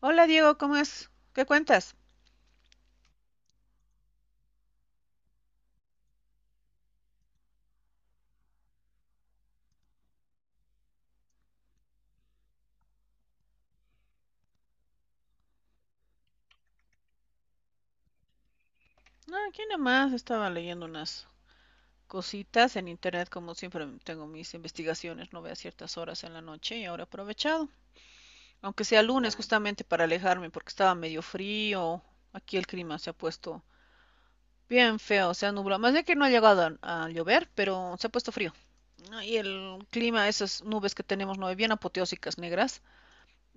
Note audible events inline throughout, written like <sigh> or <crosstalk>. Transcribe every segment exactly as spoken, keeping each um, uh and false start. Hola Diego, ¿cómo es? ¿Qué cuentas? No, aquí nomás estaba leyendo unas cositas en internet, como siempre tengo mis investigaciones, no veo a ciertas horas en la noche y ahora he aprovechado, aunque sea lunes, claro, justamente para alejarme porque estaba medio frío. Aquí el clima se ha puesto bien feo, se ha nublado, más de que no ha llegado a, a llover, pero se ha puesto frío. Ah, y el clima, esas nubes que tenemos, no, bien apoteósicas negras,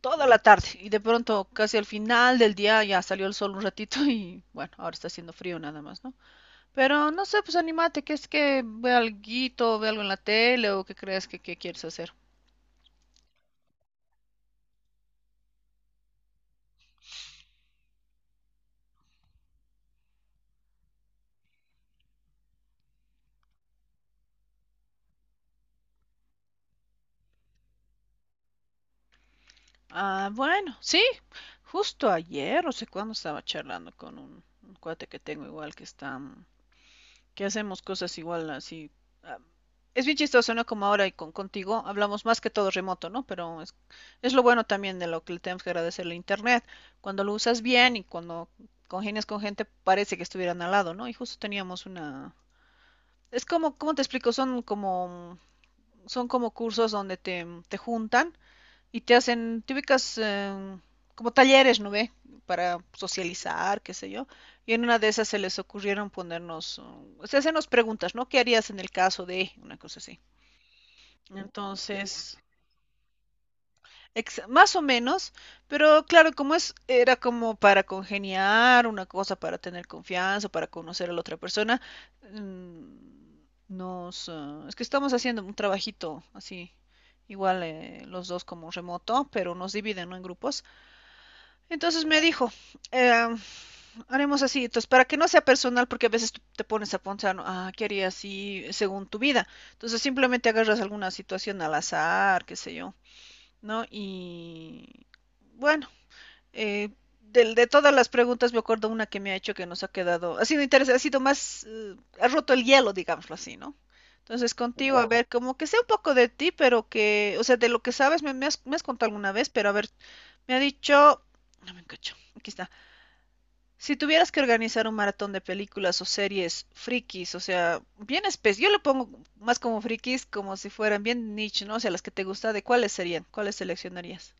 toda la tarde, y de pronto casi al final del día ya salió el sol un ratito y, bueno, ahora está haciendo frío nada más, ¿no? Pero no sé, pues anímate, que es que ve alguito, ve algo en la tele o que creas que, que quieres hacer. Ah, bueno, sí, justo ayer, no sé cuándo, estaba charlando con un, un cuate que tengo igual, que está mm, que hacemos cosas igual así. ah, Es bien chistoso, ¿no? Como ahora y con contigo hablamos más que todo remoto, ¿no? Pero es, es lo bueno también de lo que le tenemos que agradecer a internet. Cuando lo usas bien y cuando congenias con gente, parece que estuvieran al lado, ¿no? Y justo teníamos una. Es como, ¿cómo te explico? Son como, son como cursos donde te, te juntan y te hacen típicas em, como talleres, ¿no ve? Para socializar, qué sé yo. Y en una de esas se les ocurrieron ponernos, uh, o sea, hacernos preguntas, ¿no? ¿Qué harías en el caso de una cosa así? Entonces, ex- más o menos, pero claro, como es, era como para congeniar una cosa, para tener confianza, para conocer a la otra persona, mm, nos, ah, es que estamos haciendo un trabajito así, igual, eh, los dos como remoto, pero nos dividen, ¿no? En grupos. Entonces me dijo, eh, haremos así, entonces para que no sea personal, porque a veces tú te pones a pensar, ¿no? ah, ¿qué haría así según tu vida? Entonces simplemente agarras alguna situación al azar, qué sé yo, ¿no? Y bueno, eh, del- de todas las preguntas me acuerdo una que me ha hecho, que nos ha quedado, ha sido interesante, ha sido más, eh, ha roto el hielo, digámoslo así, ¿no? Entonces contigo, a, wow, ver, como que sé un poco de ti, pero que, o sea, de lo que sabes, me, me has, me has contado alguna vez, pero a ver, me ha dicho, no me encacho, aquí está. Si tuvieras que organizar un maratón de películas o series frikis, o sea, bien especies, yo lo pongo más como frikis, como si fueran bien niche, ¿no? O sea, las que te gusta, ¿de cuáles serían? ¿Cuáles seleccionarías?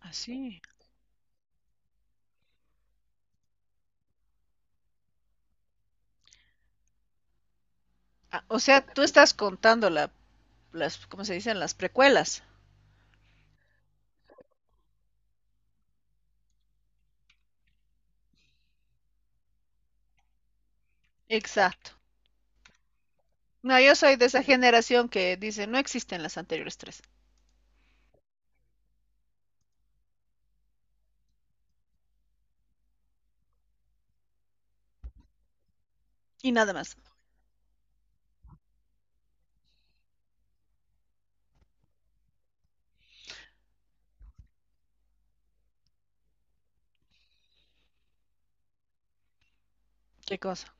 Así. Ah, o sea, tú estás contando la, las, ¿cómo se dicen? Las precuelas. Exacto. No, yo soy de esa generación que dice, no existen las anteriores tres. Y nada más. ¿Qué cosa?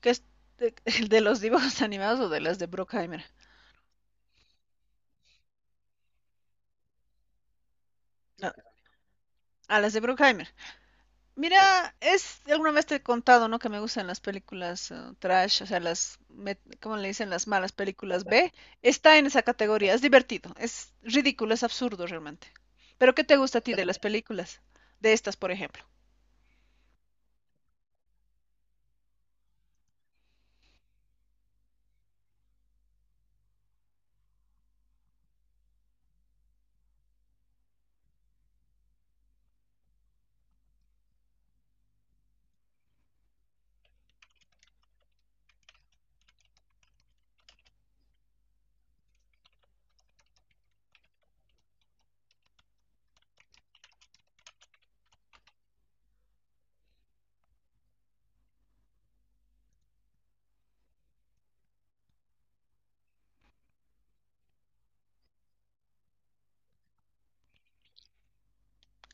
¿Qué es de, <laughs> de los dibujos <laughs> animados o de las de Bruckheimer? No, a las de Bruckheimer. Mira, es, alguna vez te he contado, ¿no? Que me gustan las películas, eh, trash, o sea, las, me- ¿cómo le dicen? Las malas películas B. Está en esa categoría, es divertido, es ridículo, es absurdo realmente. Pero ¿qué te gusta a ti de las películas? De estas, por ejemplo.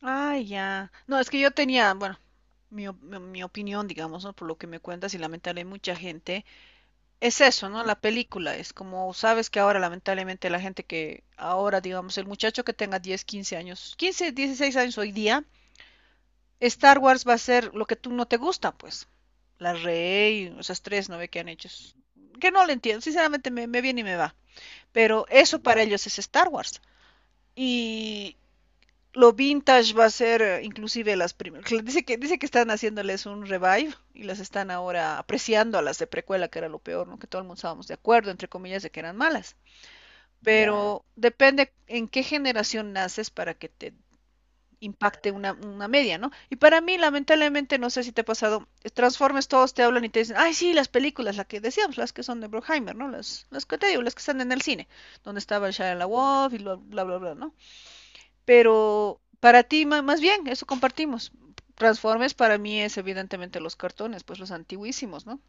Ay, ya. No, es que yo tenía, bueno, mi, op- mi- mi opinión, digamos, ¿no? Por lo que me cuentas, y lamentablemente mucha gente, es eso, ¿no? La película es como, sabes que ahora lamentablemente la gente que ahora, digamos, el muchacho que tenga diez, quince años, quince, dieciséis años hoy día, Star Wars va a ser lo que tú no te gusta, pues. La Rey, esas tres, ¿no ve que han hecho? Que no lo entiendo, sinceramente, me, me viene y me va. Pero eso para ellos es Star Wars. Y lo vintage va a ser, eh, inclusive las primeras. Dice que, dice que están haciéndoles un revive y las están ahora apreciando, a las de precuela, que era lo peor, ¿no? Que todo el mundo estábamos de acuerdo, entre comillas, de que eran malas. Pero depende en qué generación naces para que te impacte una, una media, ¿no? Y para mí, lamentablemente, no sé si te ha pasado, Transformers todos te hablan y te dicen, ay, sí, las películas, las que decíamos, las que son de Bruckheimer, ¿no? Las, las que te digo, las que están en el cine, donde estaba el Shia LaWoff y bla, bla, bla, bla, ¿no? Pero para ti, más bien, eso compartimos. Transformers para mí es evidentemente los cartones, pues los antiguísimos, ¿no?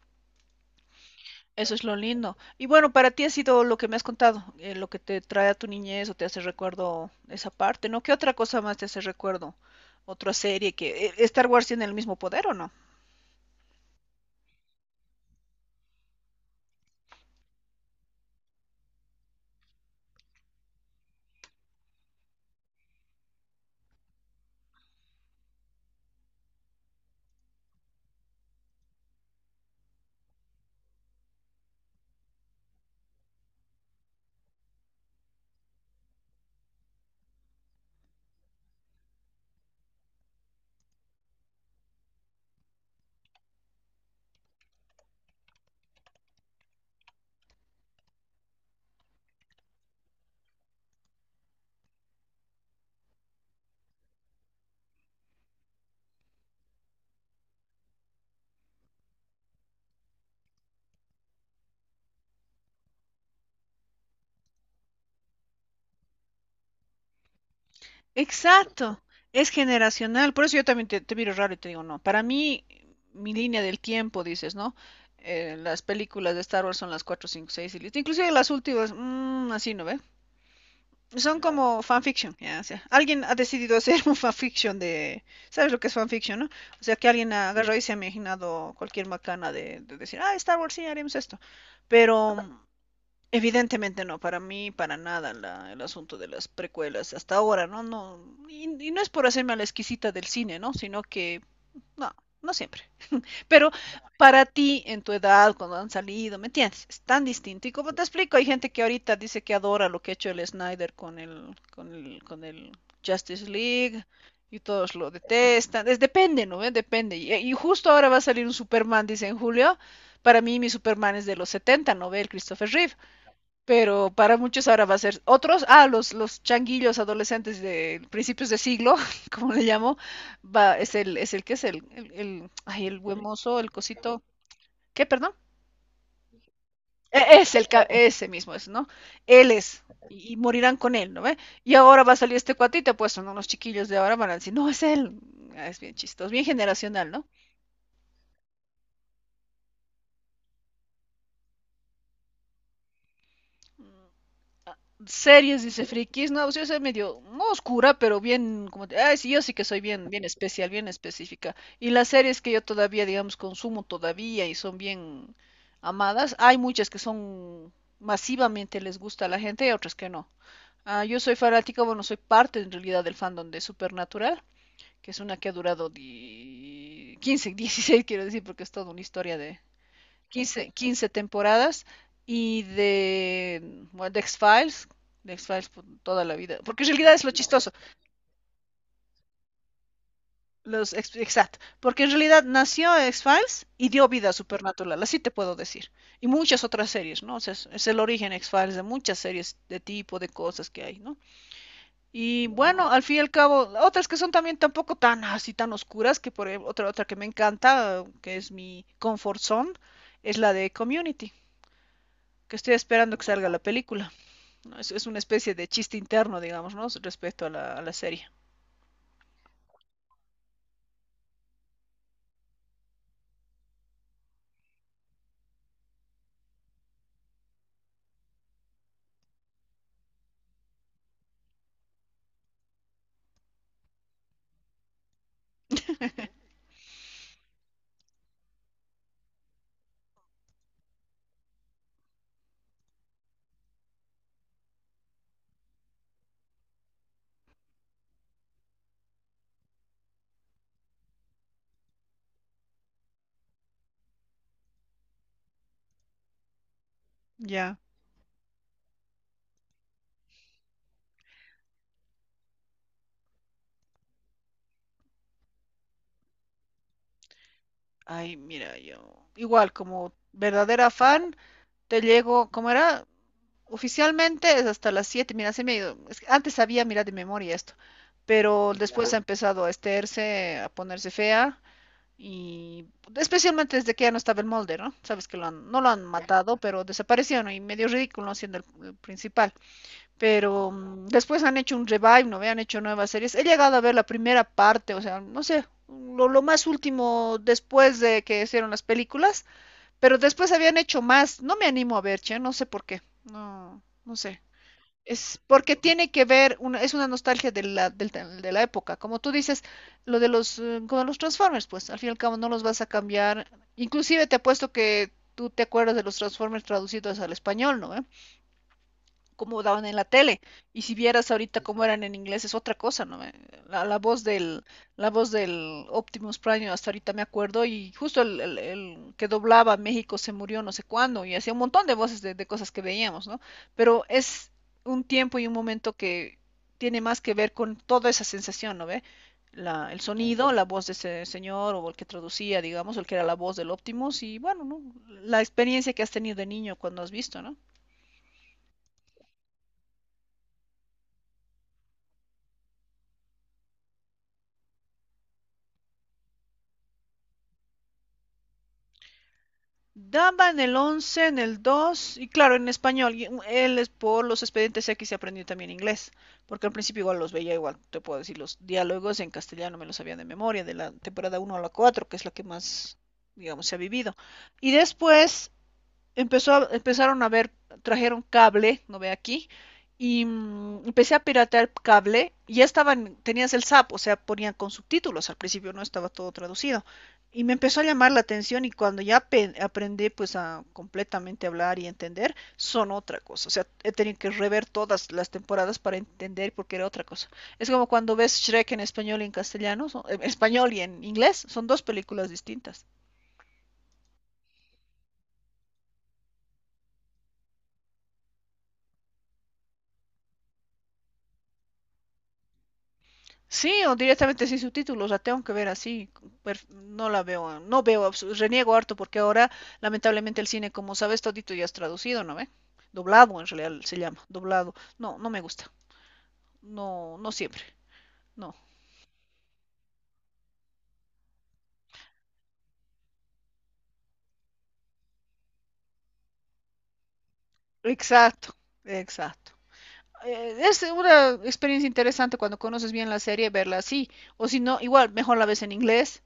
Eso es lo lindo. Y bueno, para ti ha sido lo que me has contado, eh, lo que te trae a tu niñez o te hace recuerdo esa parte, ¿no? ¿Qué otra cosa más te hace recuerdo? Otra serie, que eh, Star Wars, ¿tiene el mismo poder o no? Exacto, es generacional. Por eso yo también te, te miro raro y te digo, no, para mí, mi línea del tiempo, dices, ¿no? Eh, las películas de Star Wars son las cuatro, cinco, seis y listo. Inclusive las últimas, mm, así, ¿no ve? Son como fanfiction, ya, o sea, alguien ha decidido hacer <laughs> un fanfiction de, ¿sabes lo que es fanfiction, no? O sea, que alguien agarró y se ha imaginado cualquier macana de, de decir, ah, Star Wars, sí, haremos esto. Pero, mm, evidentemente no, para mí, para nada la- el asunto de las precuelas hasta ahora, ¿no? No y, y no es por hacerme a la exquisita del cine, ¿no? Sino que, no, no siempre. Pero para ti, en tu edad, cuando han salido, ¿me entiendes? Es tan distinto. Y como te explico, hay gente que ahorita dice que adora lo que ha hecho el Snyder con el, con el, con el Justice League, y todos lo detestan. Es, depende, ¿no? ¿Eh? Depende. Y, y, justo ahora va a salir un Superman, dice en julio. Para mí, mi Superman es de los setenta, ¿no ve? El Christopher Reeve, pero para muchos ahora va a ser otros, ah, los, los changuillos adolescentes de principios de siglo, <laughs> como le llamo, va, es el, es el que es el, el, el- ay, el buen mozo, el cosito, ¿qué, perdón? E- Es el, ca- ese mismo es, ¿no? Él es, y, y morirán con él, ¿no ve? Y ahora va a salir este cuatito, pues son unos chiquillos de ahora, van a decir, no, es él. Ah, es bien chistoso, bien generacional, ¿no? Series, dice frikis, no, pues yo soy medio no oscura, pero bien, como, te- ay, sí, yo sí que soy bien, bien especial, bien específica. Y las series que yo todavía, digamos, consumo todavía y son bien amadas, hay muchas que son masivamente, les gusta a la gente, y otras que no. Ah, yo soy fanática, bueno, soy parte en realidad del fandom de Supernatural, que es una que ha durado, di- quince, dieciséis, <laughs> quiero decir, porque es toda una historia de, quince, quince temporadas, y de, bueno, de X-Files, de X-Files por toda la vida. Porque en realidad es lo chistoso. Los, exacto. Porque en realidad nació X-Files y dio vida a Supernatural, así te puedo decir. Y muchas otras series, ¿no? O sea, es, es el origen X-Files de muchas series de tipo, de cosas que hay, ¿no? Y bueno, al fin y al cabo, otras que son también, tampoco tan así, tan oscuras, que por ejemplo, otra, otra que me encanta, que es mi comfort zone, es la de Community, que estoy esperando que salga la película. No, es, es una especie de chiste interno, digamos, ¿no? Respecto a la, a la serie. Ya. Ay, mira, yo. Igual, como verdadera fan, te llego, ¿cómo era? Oficialmente es hasta las siete, mira, se me ha ido. Es que antes sabía, mira, de memoria esto. Pero después ha empezado a esterse, a ponerse fea. Y especialmente desde que ya no estaba el molde, ¿no? Sabes que lo han- no lo han matado, pero desaparecieron, y medio ridículo siendo el el principal. Pero, mm, después han hecho un revive, ¿no ve? Han hecho nuevas series. He llegado a ver la primera parte, o sea, no sé, lo, lo más último después de que hicieron las películas, pero después habían hecho más. No me animo a ver, che, no sé por qué. No, no sé. Es porque tiene que ver, una- es una nostalgia de la, del ta- de la época. Como tú dices, lo de los, eh, como los Transformers, pues al fin y al cabo no los vas a cambiar. Inclusive te apuesto que tú te acuerdas de los Transformers traducidos al español, ¿no ve? Cómo daban en la tele. Y si vieras ahorita cómo eran en inglés, es otra cosa, ¿no? Eh, La, la voz del la voz del Optimus Prime hasta ahorita me acuerdo, y justo el, el, el que doblaba México se murió no sé cuándo, y hacía un montón de voces de, de cosas que veíamos, ¿no? Pero es un tiempo y un momento que tiene más que ver con toda esa sensación, ¿no ve? La, el sonido, la voz de ese señor, o el que traducía, digamos, el que era la voz del Optimus, y bueno, ¿no? La experiencia que has tenido de niño cuando has visto, ¿no? Daba en el once, en el dos, y claro, en español. y mm, Él es por los expedientes X se aprendió también inglés, porque al principio igual los veía, igual te puedo decir, los diálogos en castellano me los sabía de memoria, de la temporada uno a la cuatro, que es la que más, digamos, se ha vivido. Y después empezó, empezaron a ver, trajeron cable, no ve aquí, y, mm, empecé a piratear cable, y ya estaban, tenías el S A P, o sea, ponían con subtítulos, al principio no estaba todo traducido, y me empezó a llamar la atención, y cuando ya aprendí pues a completamente hablar y entender, son otra cosa, o sea, he tenido que rever todas las temporadas para entender, porque era otra cosa. Es como cuando ves Shrek en español y en castellano, son- en español y en inglés, son dos películas distintas. Sí, o directamente sin subtítulos, la tengo que ver así, per- no la veo, no veo, abs- reniego harto porque ahora lamentablemente el cine, como sabes, todito ya es traducido, ¿no ve? Doblado en realidad se llama, doblado. No, no me gusta, no, no siempre, no. Exacto, exacto. Eh, Es una experiencia interesante cuando conoces bien la serie, verla así, o si no, igual, mejor la ves en inglés,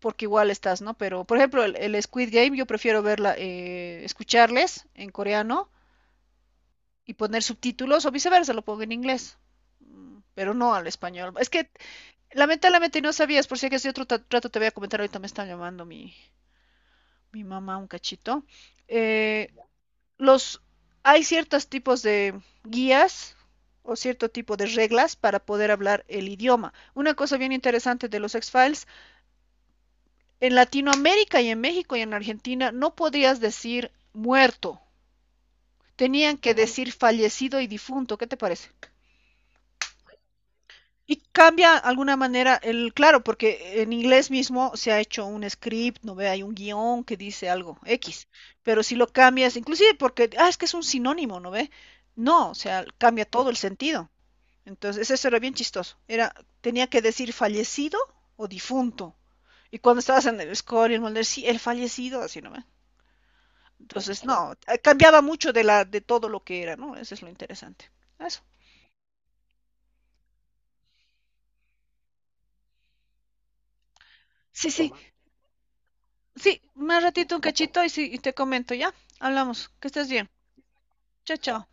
porque igual estás, ¿no? Pero, por ejemplo, el, el Squid Game, yo prefiero verla, eh, escucharles en coreano y poner subtítulos, o viceversa, lo pongo en inglés, mm, pero no al español. Es que lamentablemente no sabías, por si acaso yo otro rato te voy a comentar, ahorita me está llamando mi, mi mamá un cachito. Eh, los, hay ciertos tipos de guías o cierto tipo de reglas para poder hablar el idioma. Una cosa bien interesante de los X-Files, en Latinoamérica y en México y en Argentina no podrías decir muerto, tenían que decir fallecido y difunto, ¿qué te parece? Y cambia de alguna manera el, claro, porque en inglés mismo se ha hecho un script, no ve, hay un guión que dice algo X, pero si lo cambias, inclusive porque, ah, es que es un sinónimo, no ve, no, o sea, cambia todo el sentido. Entonces, eso era bien chistoso. Era, tenía que decir fallecido o difunto. Y cuando estabas en el score y el molde, sí, el fallecido, así no ve. Entonces, no, eh, cambiaba mucho de la, de todo lo que era, ¿no? Eso es lo interesante. Eso. Sí, sí, sí, más ratito un cachito, y sí, y te comento, ¿ya? Hablamos. Que estés bien. Chao, chao.